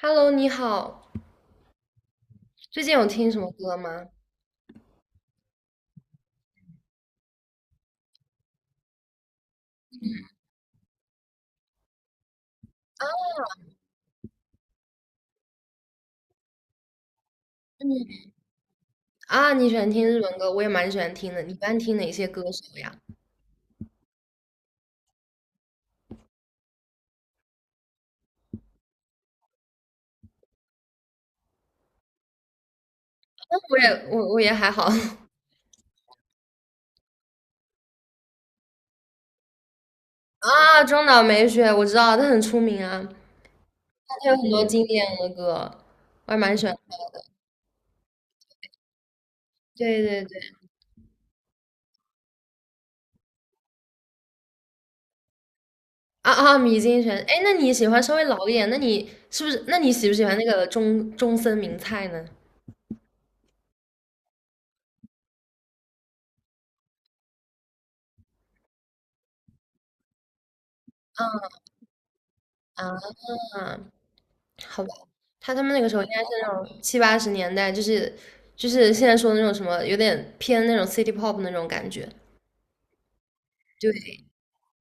Hello，你好，最近有听什么歌吗？嗯，你喜欢听日文歌，我也蛮喜欢听的。你一般听哪些歌手呀？我也还好。 啊，中岛美雪我知道，她很出名啊，她有很多经典的歌，我还蛮喜欢。对对对，米津玄，哎，那你喜欢稍微老一点？那你是不是？那你喜不喜欢那个中森明菜呢？啊，好吧，他他们那个时候应该是那种七八十年代，就是现在说的那种什么，有点偏那种 city pop 那种感觉。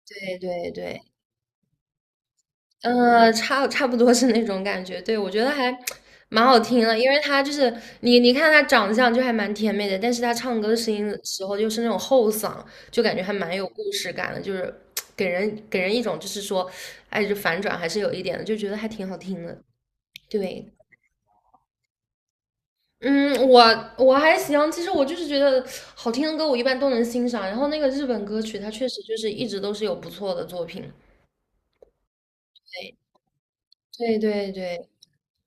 对对对对，差不多是那种感觉。对，我觉得还蛮好听的，因为他就是你看他长相就还蛮甜美的，但是他唱歌的声音的时候又是那种后嗓，就感觉还蛮有故事感的，就是给人一种就是说，哎，就反转还是有一点的，就觉得还挺好听的。对，嗯，我还行，其实我就是觉得好听的歌我一般都能欣赏，然后那个日本歌曲它确实就是一直都是有不错的作品，对对对对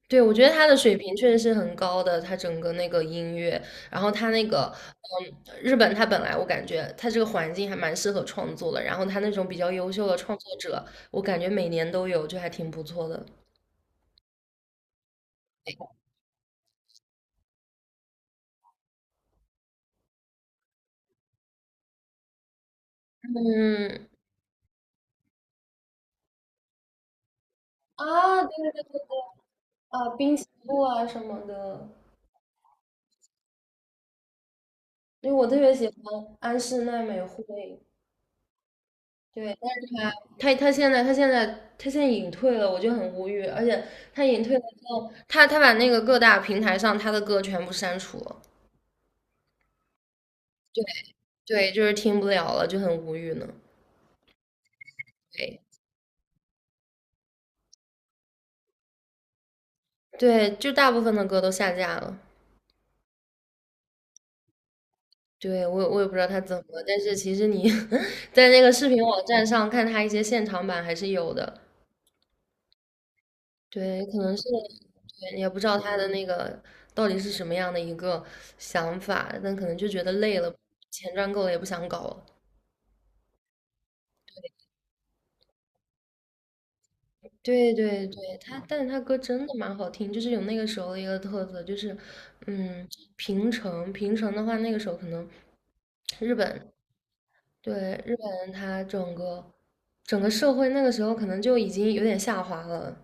对，我觉得他的水平确实是很高的，他整个那个音乐，然后他那个，嗯，日本他本来我感觉他这个环境还蛮适合创作的，然后他那种比较优秀的创作者，我感觉每年都有，就还挺不错的。嗯，啊，对对对对，啊，滨崎步啊什么的，因为我特别喜欢安室奈美惠，对，但是她她现在隐退了，我就很无语。而且她隐退了之后，她把那个各大平台上她的歌全部删除了，对，就是听不了了，就很无语呢。对对，就大部分的歌都下架了。对，我也不知道他怎么了，但是其实你 在那个视频网站上看他一些现场版还是有的，对，可能是，对，也不知道他的那个到底是什么样的一个想法，但可能就觉得累了，钱赚够了也不想搞了。对对对，他，但是他歌真的蛮好听，就是有那个时候的一个特色，就是，嗯，平成的话，那个时候可能日本，对，日本它整个社会那个时候可能就已经有点下滑了，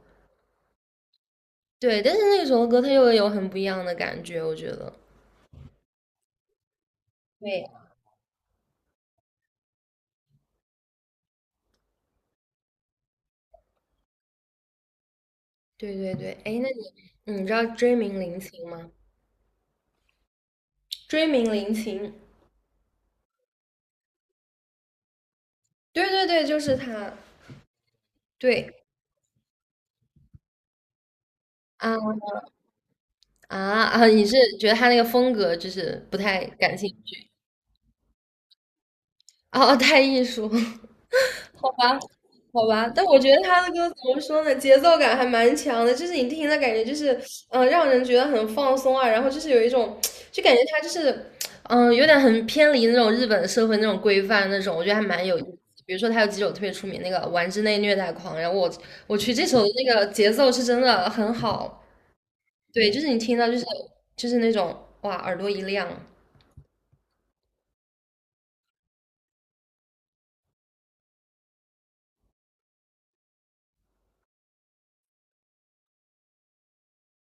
对，但是那个时候的歌它又有很不一样的感觉，我觉得。对。对对对，哎，那你，你知道追名林檎吗？追名林檎，对对对，就是他。对，啊啊！你是觉得他那个风格就是不太感兴趣，哦太艺术。好吧，但我觉得他的歌怎么说呢，节奏感还蛮强的，就是你听的感觉就是，让人觉得很放松啊，然后就是有一种，就感觉他就是，有点很偏离那种日本社会那种规范那种，我觉得还蛮有意思。比如说他有几首特别出名那个《玩之内虐待狂》，然后我去这首的那个节奏是真的很好，对，就是你听到就是就是那种哇耳朵一亮。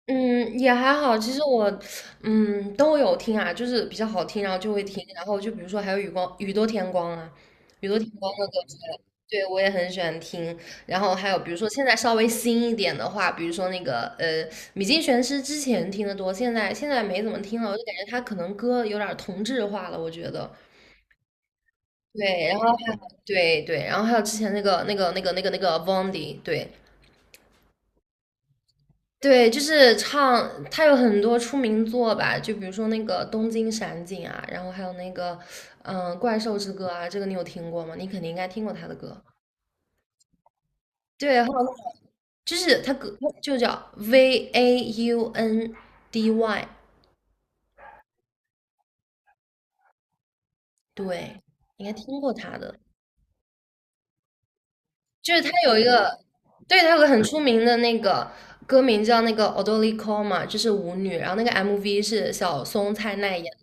嗯，也还好。其实我，嗯，都有听啊，就是比较好听，然后就会听。然后就比如说还有雨光、雨多天光啊，雨多天光的歌之类的，对我也很喜欢听。然后还有比如说现在稍微新一点的话，比如说那个米津玄师之前听的多，现在没怎么听了，我就感觉他可能歌有点儿同质化了，我觉得。对，然后对对，然后还有之前那个 Vondi,对，对，就是唱，他有很多出名作吧，就比如说那个《东京闪景》啊，然后还有那个，嗯，《怪兽之歌》啊，这个你有听过吗？你肯定应该听过他的歌。对，还有那个就是他歌就叫 V A U N D Y,对，应该听过他的。就是他有一个，对，他有个很出名的那个歌名叫那个《o d o d k o o 嘛，就是舞女，然后那个 MV 是小松菜奈演。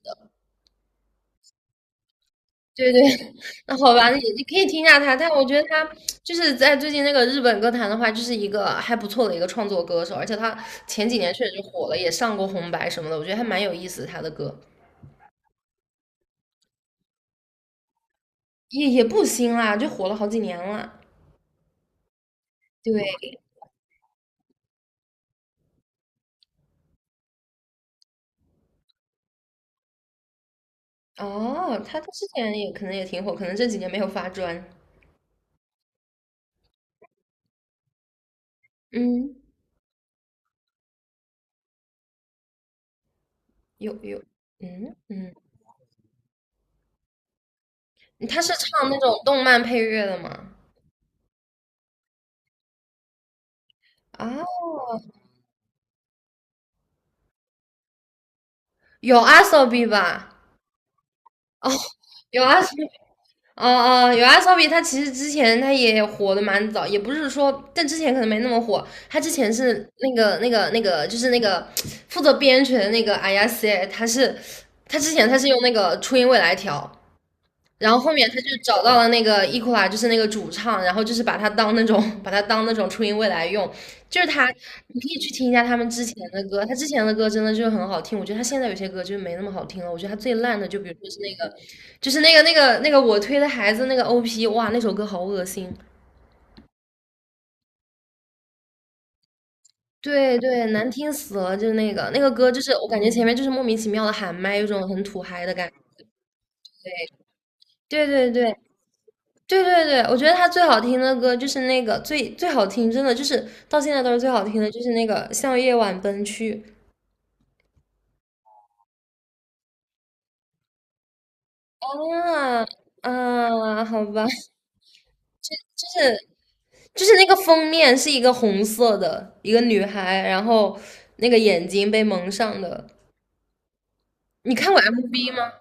对对，那好吧，也可以听一下他，但我觉得他就是在最近那个日本歌坛的话，就是一个还不错的一个创作歌手，而且他前几年确实就火了，也上过红白什么的，我觉得还蛮有意思的。他的歌，也不新啦，就火了好几年了。对，哦，他他之前也可能也挺火，可能这几年没有发专。嗯，有有，嗯嗯，他是唱那种动漫配乐的吗？啊，有阿 s o b 吧？哦，有阿 s, 哦，哦，有阿骚比他其实之前他也火的蛮早，也不是说，但之前可能没那么火。他之前是那个负责编曲的那个 i 亚 a 他是他之前他是用那个初音未来调，然后后面他就找到了那个 e 伊库拉，就是那个主唱，然后就是把他当那种 把他当那种初音未来用，就是他，你可以去听一下他们之前的歌，他之前的歌真的就很好听，我觉得他现在有些歌就没那么好听了，我觉得他最烂的就比如说是那个，就是那个我推的孩子那个 OP,哇，那首歌好恶心，对对，难听死了，就那个歌就是我感觉前面就是莫名其妙的喊麦，有种很土嗨的感觉，对对对，对对对，我觉得他最好听的歌就是那个最最好听，真的就是到现在都是最好听的，就是那个《向夜晚奔去》，啊，啊，好吧，就是那个封面是一个红色的一个女孩，然后那个眼睛被蒙上的。你看过 MV 吗？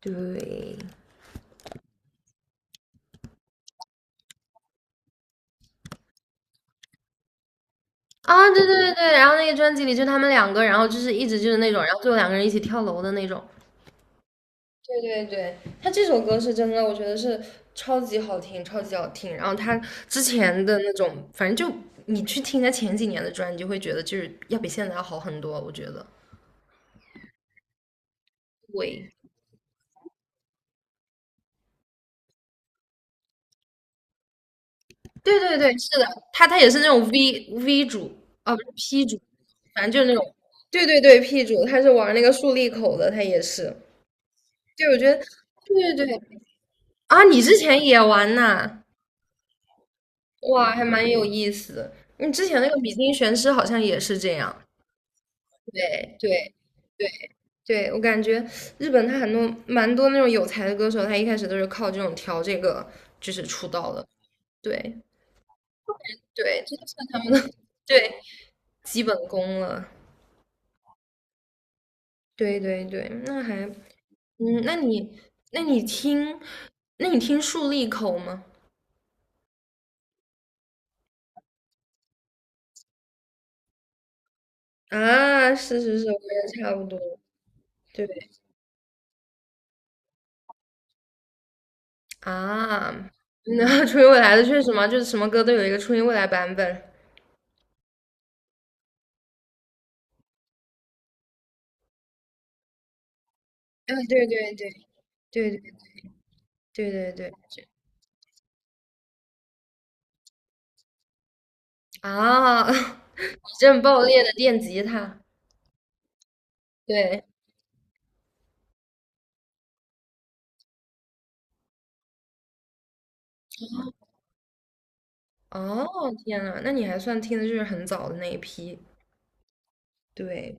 对，啊，对对对对，然后那个专辑里就他们两个，然后就是一直就是那种，然后最后两个人一起跳楼的那种。对对对，他这首歌是真的，我觉得是超级好听，超级好听。然后他之前的那种，反正就你去听他前几年的专辑，就会觉得就是要比现在要好很多。我觉得，对，对对对，是的，他他也是那种 V V 主，啊，不是 P 主，反正就是那种，对对对，P 主，他是玩那个竖立口的，他也是。对，我觉得，对对对，啊，你之前也玩呐，哇，还蛮有意思。你之前那个《比金玄师》好像也是这样。对对对对，我感觉日本他蛮多那种有才的歌手，他一开始都是靠这种调这个就是出道的。对对，这就算他们的 对基本功了。对对对，那还嗯，那你那你听，那你听竖立口吗？啊，是是是，我也差不多。对啊，那 初音未来的确实嘛，就是什么歌都有一个初音未来版本。啊，对对对对对对对对。啊，矩阵爆裂的电吉他，对，哦，天呐，那你还算听的就是很早的那一批，对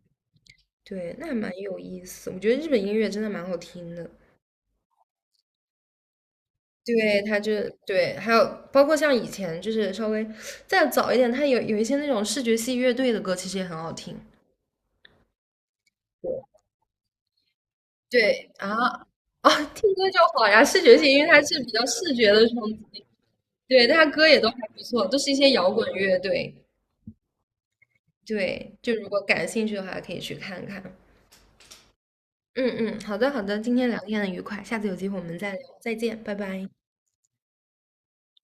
对，那还蛮有意思。我觉得日本音乐真的蛮好听的，对，它就对，还有包括像以前就是稍微再早一点，它有一些那种视觉系乐队的歌，其实也很好听。对啊，哦，听歌就好呀。视觉系，因为它是比较视觉的冲击，对，它歌也都还不错，都是一些摇滚乐队。对，就如果感兴趣的话，可以去看看。嗯嗯，好的，今天聊天很愉快，下次有机会我们再聊，再见，拜拜。